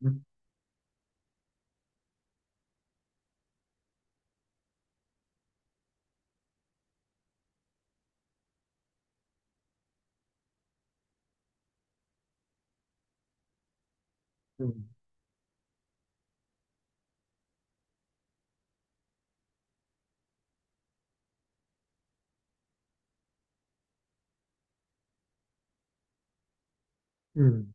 Mhm. Mhm.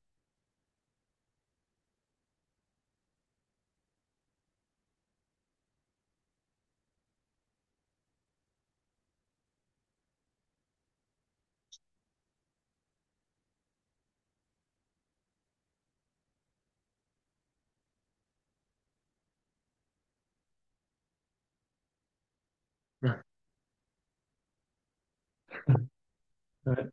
Ouais. Ouais.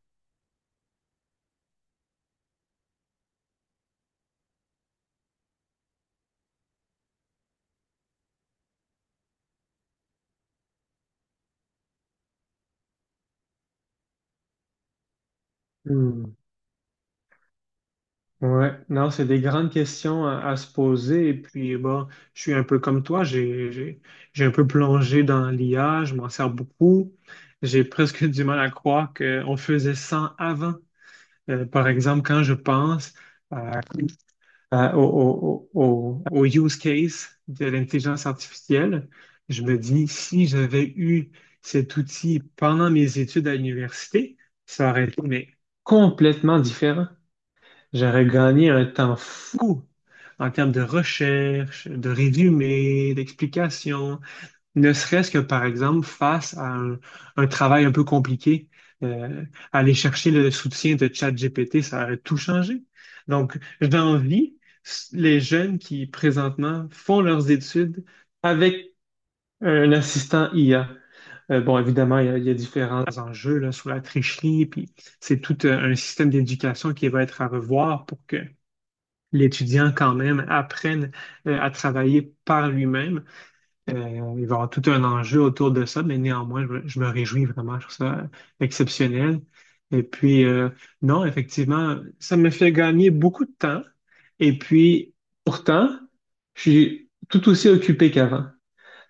Hmm. Ouais, non, c'est des grandes questions à se poser. Et puis, bon, je suis un peu comme toi, j'ai un peu plongé dans l'IA, je m'en sers beaucoup. J'ai presque du mal à croire qu'on faisait ça avant. Par exemple, quand je pense à au au use case de l'intelligence artificielle, je me dis, si j'avais eu cet outil pendant mes études à l'université, ça aurait été mais, complètement différent. J'aurais gagné un temps fou en termes de recherche, de résumé, d'explication. Ne serait-ce que, par exemple, face à un travail un peu compliqué, euh, aller chercher le soutien de ChatGPT, ça aurait tout changé. Donc, j'envie les jeunes qui, présentement, font leurs études avec un assistant IA. Bon, évidemment, il y a différents enjeux là, sur la tricherie, puis c'est tout un système d'éducation qui va être à revoir pour que l'étudiant, quand même, apprenne à travailler par lui-même. Il va y avoir tout un enjeu autour de ça, mais néanmoins, je me réjouis vraiment. Je trouve ça exceptionnel. Et puis, non, effectivement, ça me fait gagner beaucoup de temps. Et puis, pourtant, je suis tout aussi occupé qu'avant.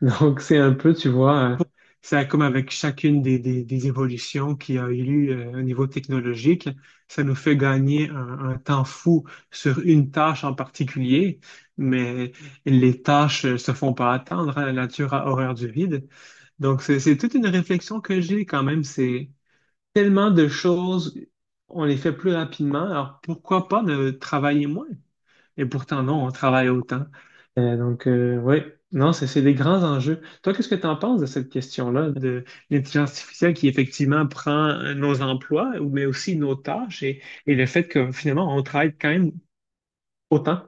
Donc, c'est un peu, tu vois, c'est comme avec chacune des évolutions qu'il y a eu lieu, au niveau technologique, ça nous fait gagner un temps fou sur une tâche en particulier, mais les tâches se font pas attendre, hein, la nature a horreur du vide. Donc, c'est toute une réflexion que j'ai quand même, c'est tellement de choses, on les fait plus rapidement, alors pourquoi pas de travailler moins? Et pourtant, non, on travaille autant. Donc, ouais, non, c'est des grands enjeux. Toi, qu'est-ce que tu en penses de cette question-là, de l'intelligence artificielle qui effectivement prend nos emplois, ou- mais aussi nos tâches et le fait que finalement, on travaille quand même autant?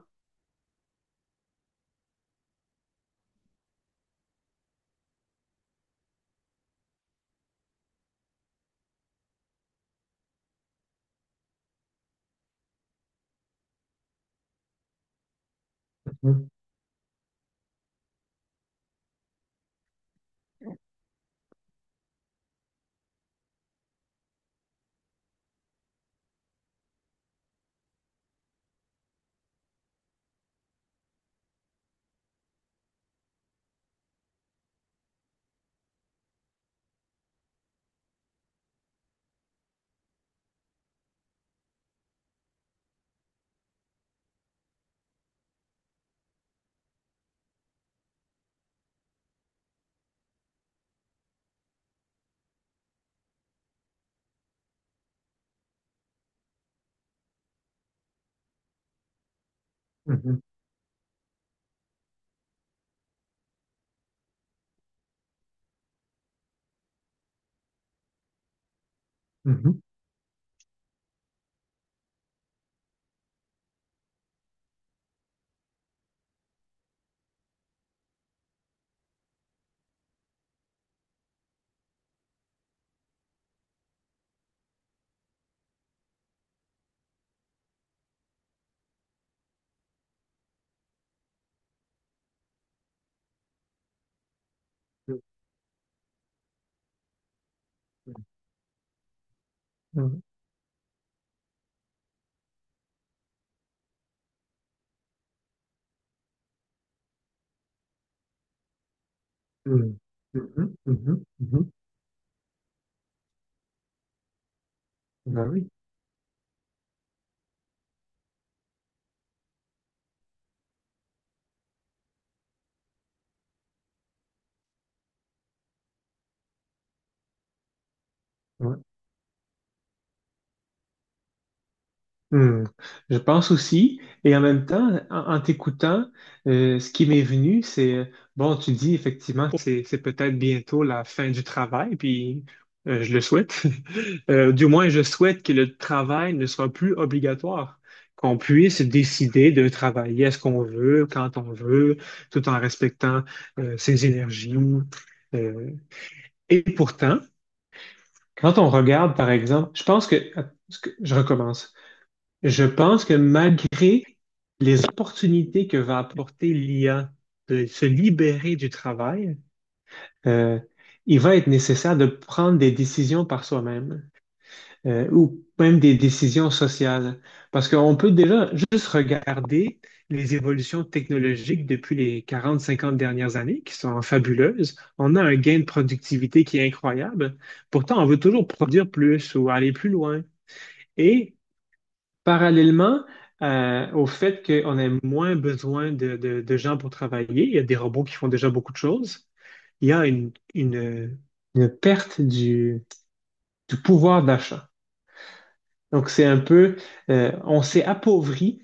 Mhm, mhm, mhm, mhm, mhm, mhm, mhm, mhm. Ben oui. Hmm. Je pense aussi, et en même temps, en t'écoutant, ce qui m'est venu, c'est bon, tu dis effectivement que c'est peut-être bientôt la fin du travail, puis je le souhaite. Du moins, je souhaite que le travail ne soit plus obligatoire, qu'on puisse décider de travailler à ce qu'on veut, quand on veut, tout en respectant ses énergies. Euh, et pourtant, quand on regarde, par exemple, je recommence. Je pense que malgré les opportunités que va apporter l'IA de se libérer du travail, euh, il va être nécessaire de prendre des décisions par soi-même, ou même des décisions sociales. Parce qu'on peut déjà juste regarder les évolutions technologiques depuis les 40 50 dernières années, qui sont fabuleuses. On a un gain de productivité qui est incroyable. Pourtant, on veut toujours produire plus ou aller plus loin. Et parallèlement au fait qu'on a moins besoin de, de gens pour travailler, il y a des robots qui font déjà beaucoup de choses, il y a une perte du pouvoir d'achat. Donc c'est un peu, on s'est appauvri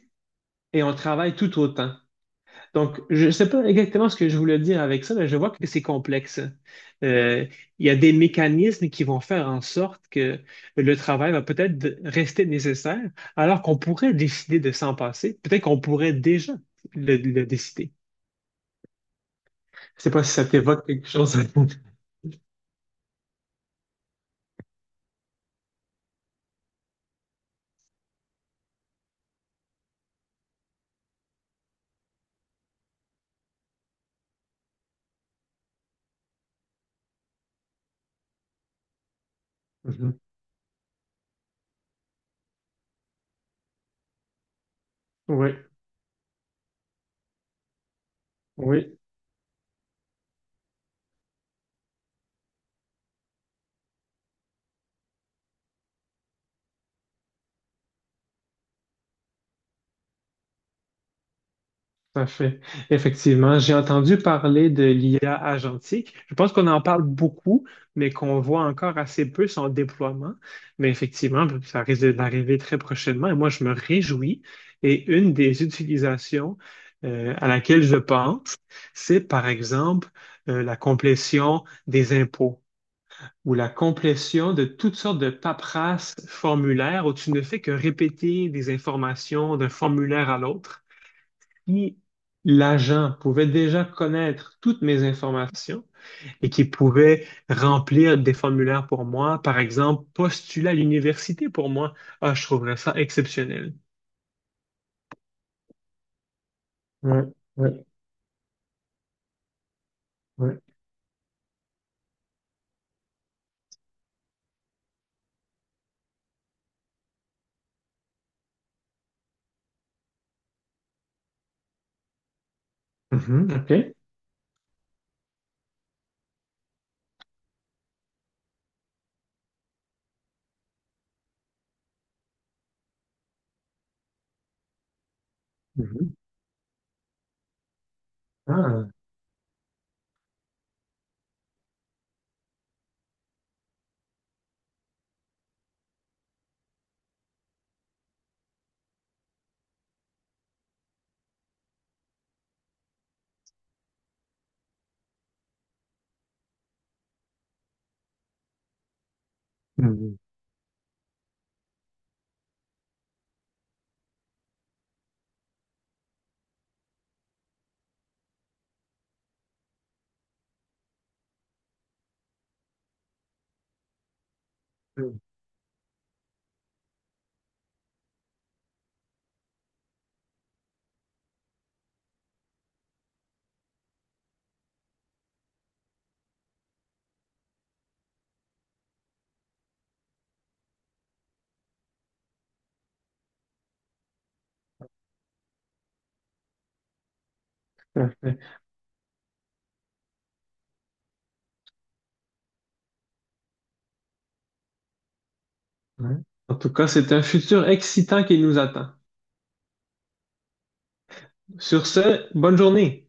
et on travaille tout autant. Donc, je ne sais pas exactement ce que je voulais dire avec ça, mais je vois que c'est complexe. Euh, il y a des mécanismes qui vont faire en sorte que le travail va peut-être rester nécessaire, alors qu'on pourrait décider de s'en passer. Peut-être qu'on pourrait déjà le décider. Je ne sais pas si ça t'évoque quelque chose. Mhm. Oui, oui, tout à fait. Effectivement, j'ai entendu parler de l'IA agentique. Je pense qu'on en parle beaucoup, mais qu'on voit encore assez peu son déploiement. Mais effectivement, ça risque d'arriver très prochainement. Et moi, je me réjouis. Et une des utilisations à laquelle je pense, c'est par exemple la complétion des impôts ou la complétion de toutes sortes de paperasses formulaires où tu ne fais que répéter des informations d'un formulaire à l'autre. Qui, l'agent, pouvait déjà connaître toutes mes informations et qui pouvait remplir des formulaires pour moi, par exemple, postuler à l'université pour moi. Ah, je trouverais ça exceptionnel. Ouais, ouais, ouais. Mhm, OK. Mhm. Ah, mhm, mhm, parfait. Ouais. En tout cas, c'est un futur excitant qui nous attend. Sur ce, bonne journée.